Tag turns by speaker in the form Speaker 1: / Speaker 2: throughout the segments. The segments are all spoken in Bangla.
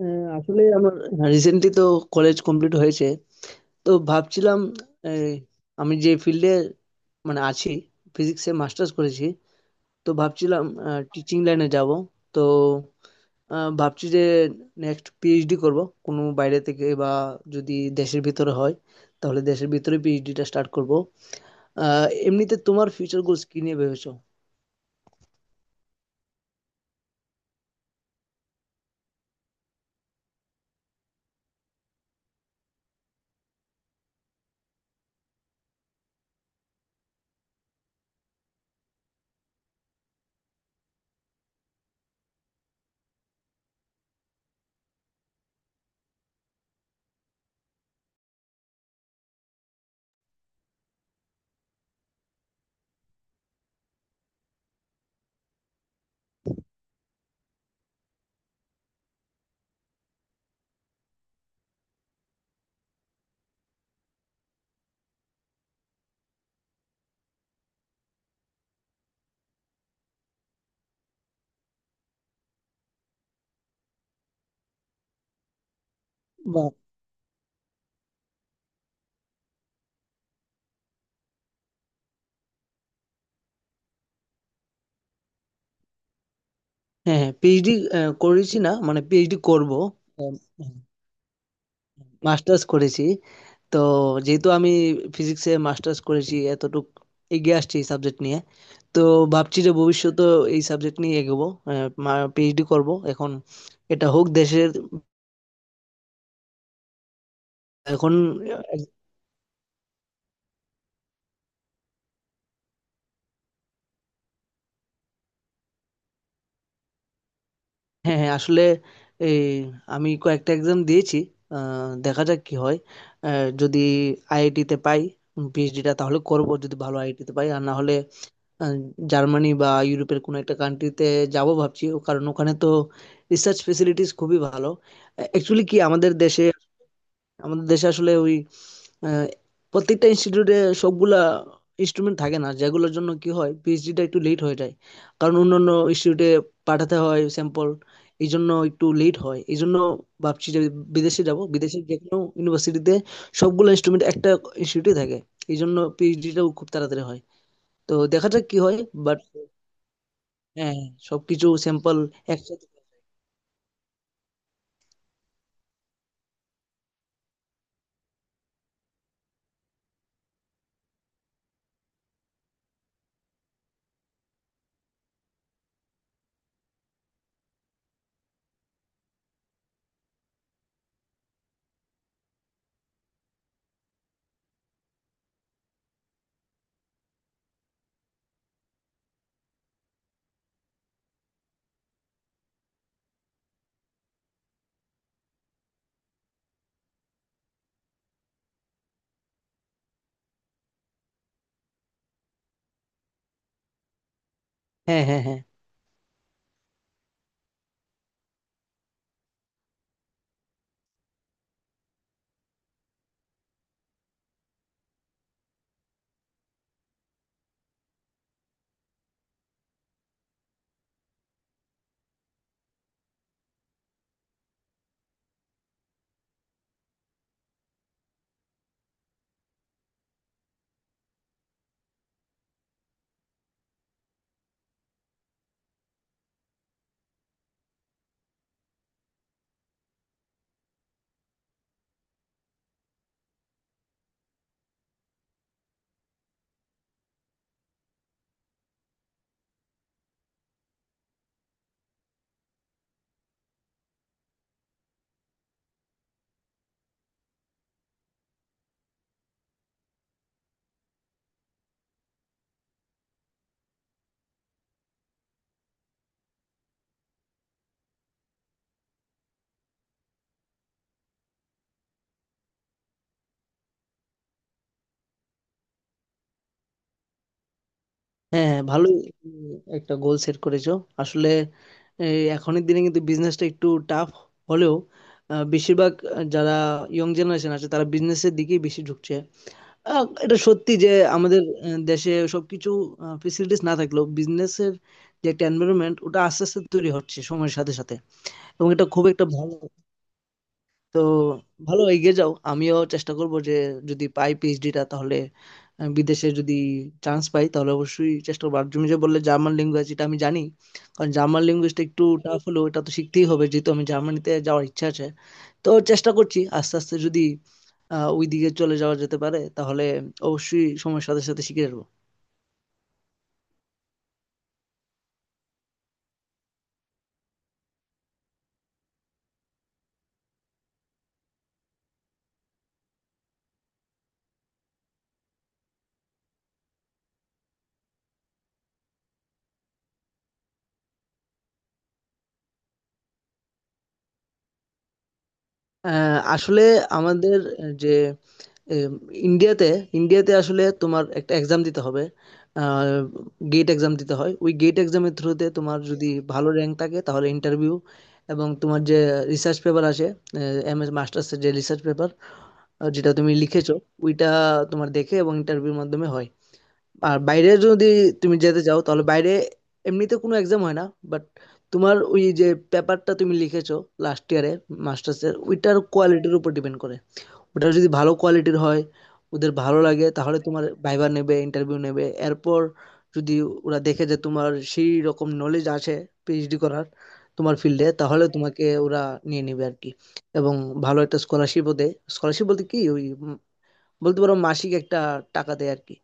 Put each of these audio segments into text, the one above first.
Speaker 1: আহ, আসলে আমার রিসেন্টলি তো কলেজ কমপ্লিট হয়েছে, তো ভাবছিলাম এই, আমি যে ফিল্ডে মানে আছি, ফিজিক্সে মাস্টার্স করেছি, তো ভাবছিলাম টিচিং লাইনে যাব। তো ভাবছি যে নেক্সট পিএইচডি করব, কোনো বাইরে থেকে বা যদি দেশের ভিতরে হয় তাহলে দেশের ভিতরে পিএইচডিটা স্টার্ট করব। এমনিতে তোমার ফিউচার গোলস কি নিয়ে ভেবেছো? বা হ্যাঁ হ্যাঁ, পিএইচডি করেছি না মানে পিএইচডি করব। মাস্টার্স করেছি, তো যেহেতু আমি ফিজিক্সে মাস্টার্স করেছি, এতটুক এগিয়ে আসছি এই সাবজেক্ট নিয়ে। তো ভাবছি যে ভবিষ্যতে এই সাবজেক্ট নিয়ে এগোবো, পিএইচডি করব এখন, এটা হোক দেশের। এখন আহ, হ্যাঁ হ্যাঁ, আসলে এই আমি কয়েকটা এক্সাম দিয়েছি। আহ, দেখা যাক কি হয়। যদি আইআইটিতে পাই পিএইচডিটা তাহলে করব, যদি ভালো আইআইটিতে পাই, আর না হলে আহ, জার্মানি বা ইউরোপের কোনো একটা কান্ট্রিতে যাব ভাবছি ও, কারণ ওখানে তো রিসার্চ ফেসিলিটিস খুবই ভালো। অ্যাকচুয়ালি কি আমাদের দেশে, আমাদের দেশে আসলে ওই আহ, প্রত্যেকটা ইনস্টিটিউটে সবগুলা ইনস্ট্রুমেন্ট থাকে না, যেগুলোর জন্য কি হয় পিএইচডিটা একটু লেট হয়ে যায়। কারণ অন্যান্য ইনস্টিটিউটে পাঠাতে হয় স্যাম্পল, এই জন্য একটু লেট হয়। এই জন্য ভাবছি যে বিদেশে যাব, বিদেশে যে কোনো ইউনিভার্সিটিতে সবগুলো ইনস্ট্রুমেন্ট একটা ইনস্টিটিউটে থাকে, এই জন্য পিএইচডিটাও খুব তাড়াতাড়ি হয়। তো দেখা যাক কি হয়। বাট হ্যাঁ, হ্যাঁ, সবকিছু স্যাম্পল একসাথে। হ্যাঁ হ্যাঁ হ্যাঁ। হ্যাঁ হ্যাঁ, ভালোই উম, একটা গোল সেট করেছো আসলে। এই এখনের দিনে কিন্তু বিজনেসটা একটু টাফ হলেও বেশিরভাগ যারা ইয়ং জেনারেশন আছে তারা বিজনেসের দিকেই বেশি ঝুঁকছে। এটা সত্যি যে আমাদের দেশে সবকিছু ফেসিলিটিস না থাকলেও বিজনেসের যে একটা এনভায়রনমেন্ট ওটা আস্তে আস্তে তৈরি হচ্ছে সময়ের সাথে সাথে, এবং এটা খুব একটা ভালো। তো ভালো এগিয়ে যাও, আমিও চেষ্টা করব যে যদি পাই পিএইচডিটা, তাহলে বিদেশে যদি চান্স পাই তাহলে অবশ্যই চেষ্টা করবো। আর তুমি যে বললে জার্মান ল্যাঙ্গুয়েজ, এটা আমি জানি, কারণ জার্মান ল্যাঙ্গুয়েজটা একটু টাফ হলেও এটা তো শিখতেই হবে, যেহেতু আমি জার্মানিতে যাওয়ার ইচ্ছা আছে। তো চেষ্টা করছি আস্তে আস্তে, যদি আহ ওই দিকে চলে যাওয়া যেতে পারে তাহলে অবশ্যই সময়ের সাথে সাথে শিখে যাবো। আসলে আমাদের যে এম, ইন্ডিয়াতে ইন্ডিয়াতে আসলে তোমার একটা এক্সাম দিতে হবে, গেট এক্সাম দিতে হয়। ওই গেট এক্সামের থ্রুতে তোমার যদি ভালো র্যাঙ্ক থাকে তাহলে ইন্টারভিউ, এবং তোমার যে রিসার্চ পেপার আসে, এম এস মাস্টার্সের যে রিসার্চ পেপার যেটা তুমি লিখেছো, ওইটা তোমার দেখে এবং ইন্টারভিউর মাধ্যমে হয়। আর বাইরে যদি তুমি যেতে চাও, তাহলে বাইরে এমনিতে কোনো এক্সাম হয় না, বাট তোমার ওই যে পেপারটা তুমি লিখেছো লাস্ট ইয়ারে মাস্টার্সের, ওইটার কোয়ালিটির উপর ডিপেন্ড করে। ওটা যদি ভালো কোয়ালিটির হয়, ওদের ভালো লাগে, তাহলে তোমার ভাইবা নেবে, ইন্টারভিউ নেবে। এরপর যদি ওরা দেখে যে তোমার সেই রকম নলেজ আছে পিএইচডি করার, তোমার ফিল্ডে, তাহলে তোমাকে ওরা নিয়ে নেবে আর কি। এবং ভালো একটা স্কলারশিপও দেয়। স্কলারশিপ বলতে কি, ওই বলতে পারো মাসিক একটা টাকা দেয় আর কি।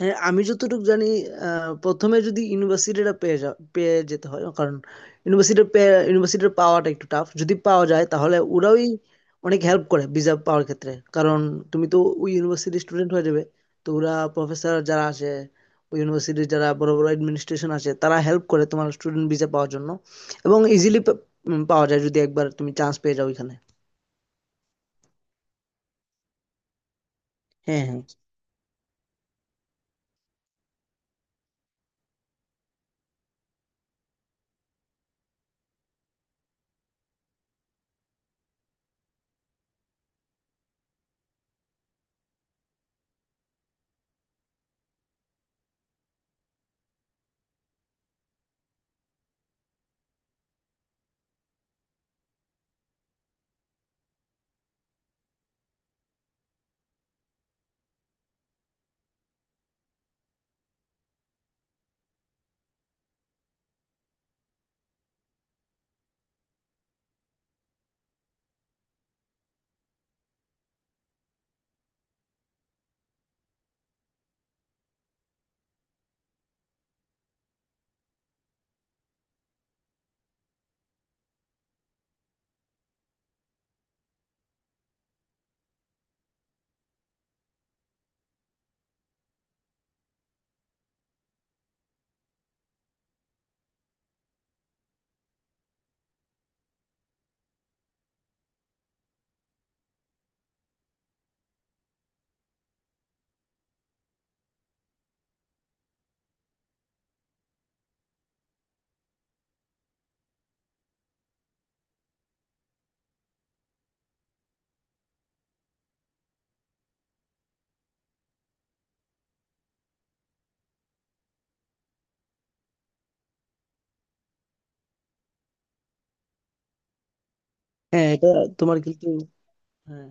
Speaker 1: হ্যাঁ, আমি যতটুকু জানি, প্রথমে যদি ইউনিভার্সিটিটা পেয়ে যেতে হয়, কারণ ইউনিভার্সিটি ইউনিভার্সিটি পাওয়াটা একটু টাফ, যদি পাওয়া যায় তাহলে ওরাই অনেক হেল্প করে ভিসা পাওয়ার ক্ষেত্রে, কারণ তুমি তো ওই ইউনিভার্সিটির স্টুডেন্ট হয়ে যাবে। তো ওরা প্রফেসর যারা আছে, ওই ইউনিভার্সিটির যারা বড় বড় অ্যাডমিনিস্ট্রেশন আছে, তারা হেল্প করে তোমার স্টুডেন্ট ভিসা পাওয়ার জন্য, এবং ইজিলি পাওয়া যায় যদি একবার তুমি চান্স পেয়ে যাও ওইখানে। হ্যাঁ হ্যাঁ হ্যাঁ, এটা তোমার কিন্তু হ্যাঁ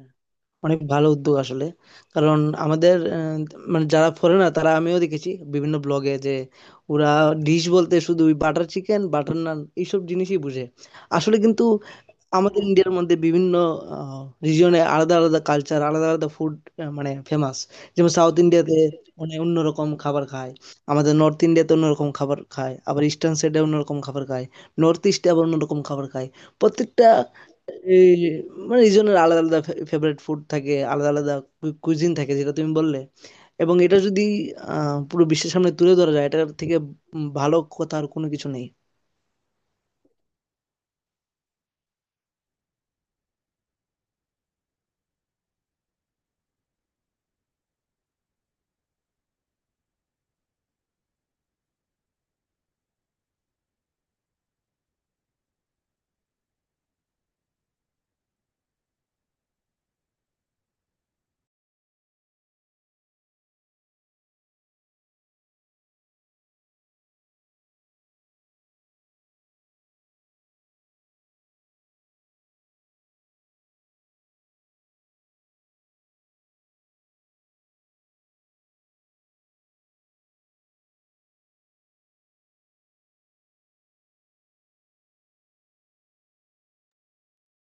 Speaker 1: অনেক ভালো উদ্যোগ আসলে। কারণ আমাদের মানে যারা ফরেনার, তারা আমিও দেখেছি বিভিন্ন ব্লগে যে ওরা ডিশ বলতে শুধু বাটার চিকেন, বাটার নান, এইসব জিনিসই বুঝে। আসলে কিন্তু আমাদের ইন্ডিয়ার মধ্যে বিভিন্ন রিজিয়নে আলাদা আলাদা কালচার, আলাদা আলাদা ফুড, মানে ফেমাস। যেমন সাউথ ইন্ডিয়াতে মানে অন্যরকম খাবার খায়, আমাদের নর্থ ইন্ডিয়াতে অন্যরকম খাবার খায়, আবার ইস্টার্ন সাইডে অন্যরকম খাবার খায়, নর্থ ইস্টে আবার অন্যরকম খাবার খায়। প্রত্যেকটা এই মানে রিজনের আলাদা আলাদা ফেভারিট ফুড থাকে, আলাদা আলাদা কুইজিন থাকে, যেটা তুমি বললে। এবং এটা যদি পুরো বিশ্বের সামনে তুলে ধরা যায়, এটার থেকে উম ভালো কথা আর কোনো কিছু নেই।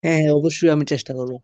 Speaker 1: হ্যাঁ হ্যাঁ, অবশ্যই আমি চেষ্টা করবো।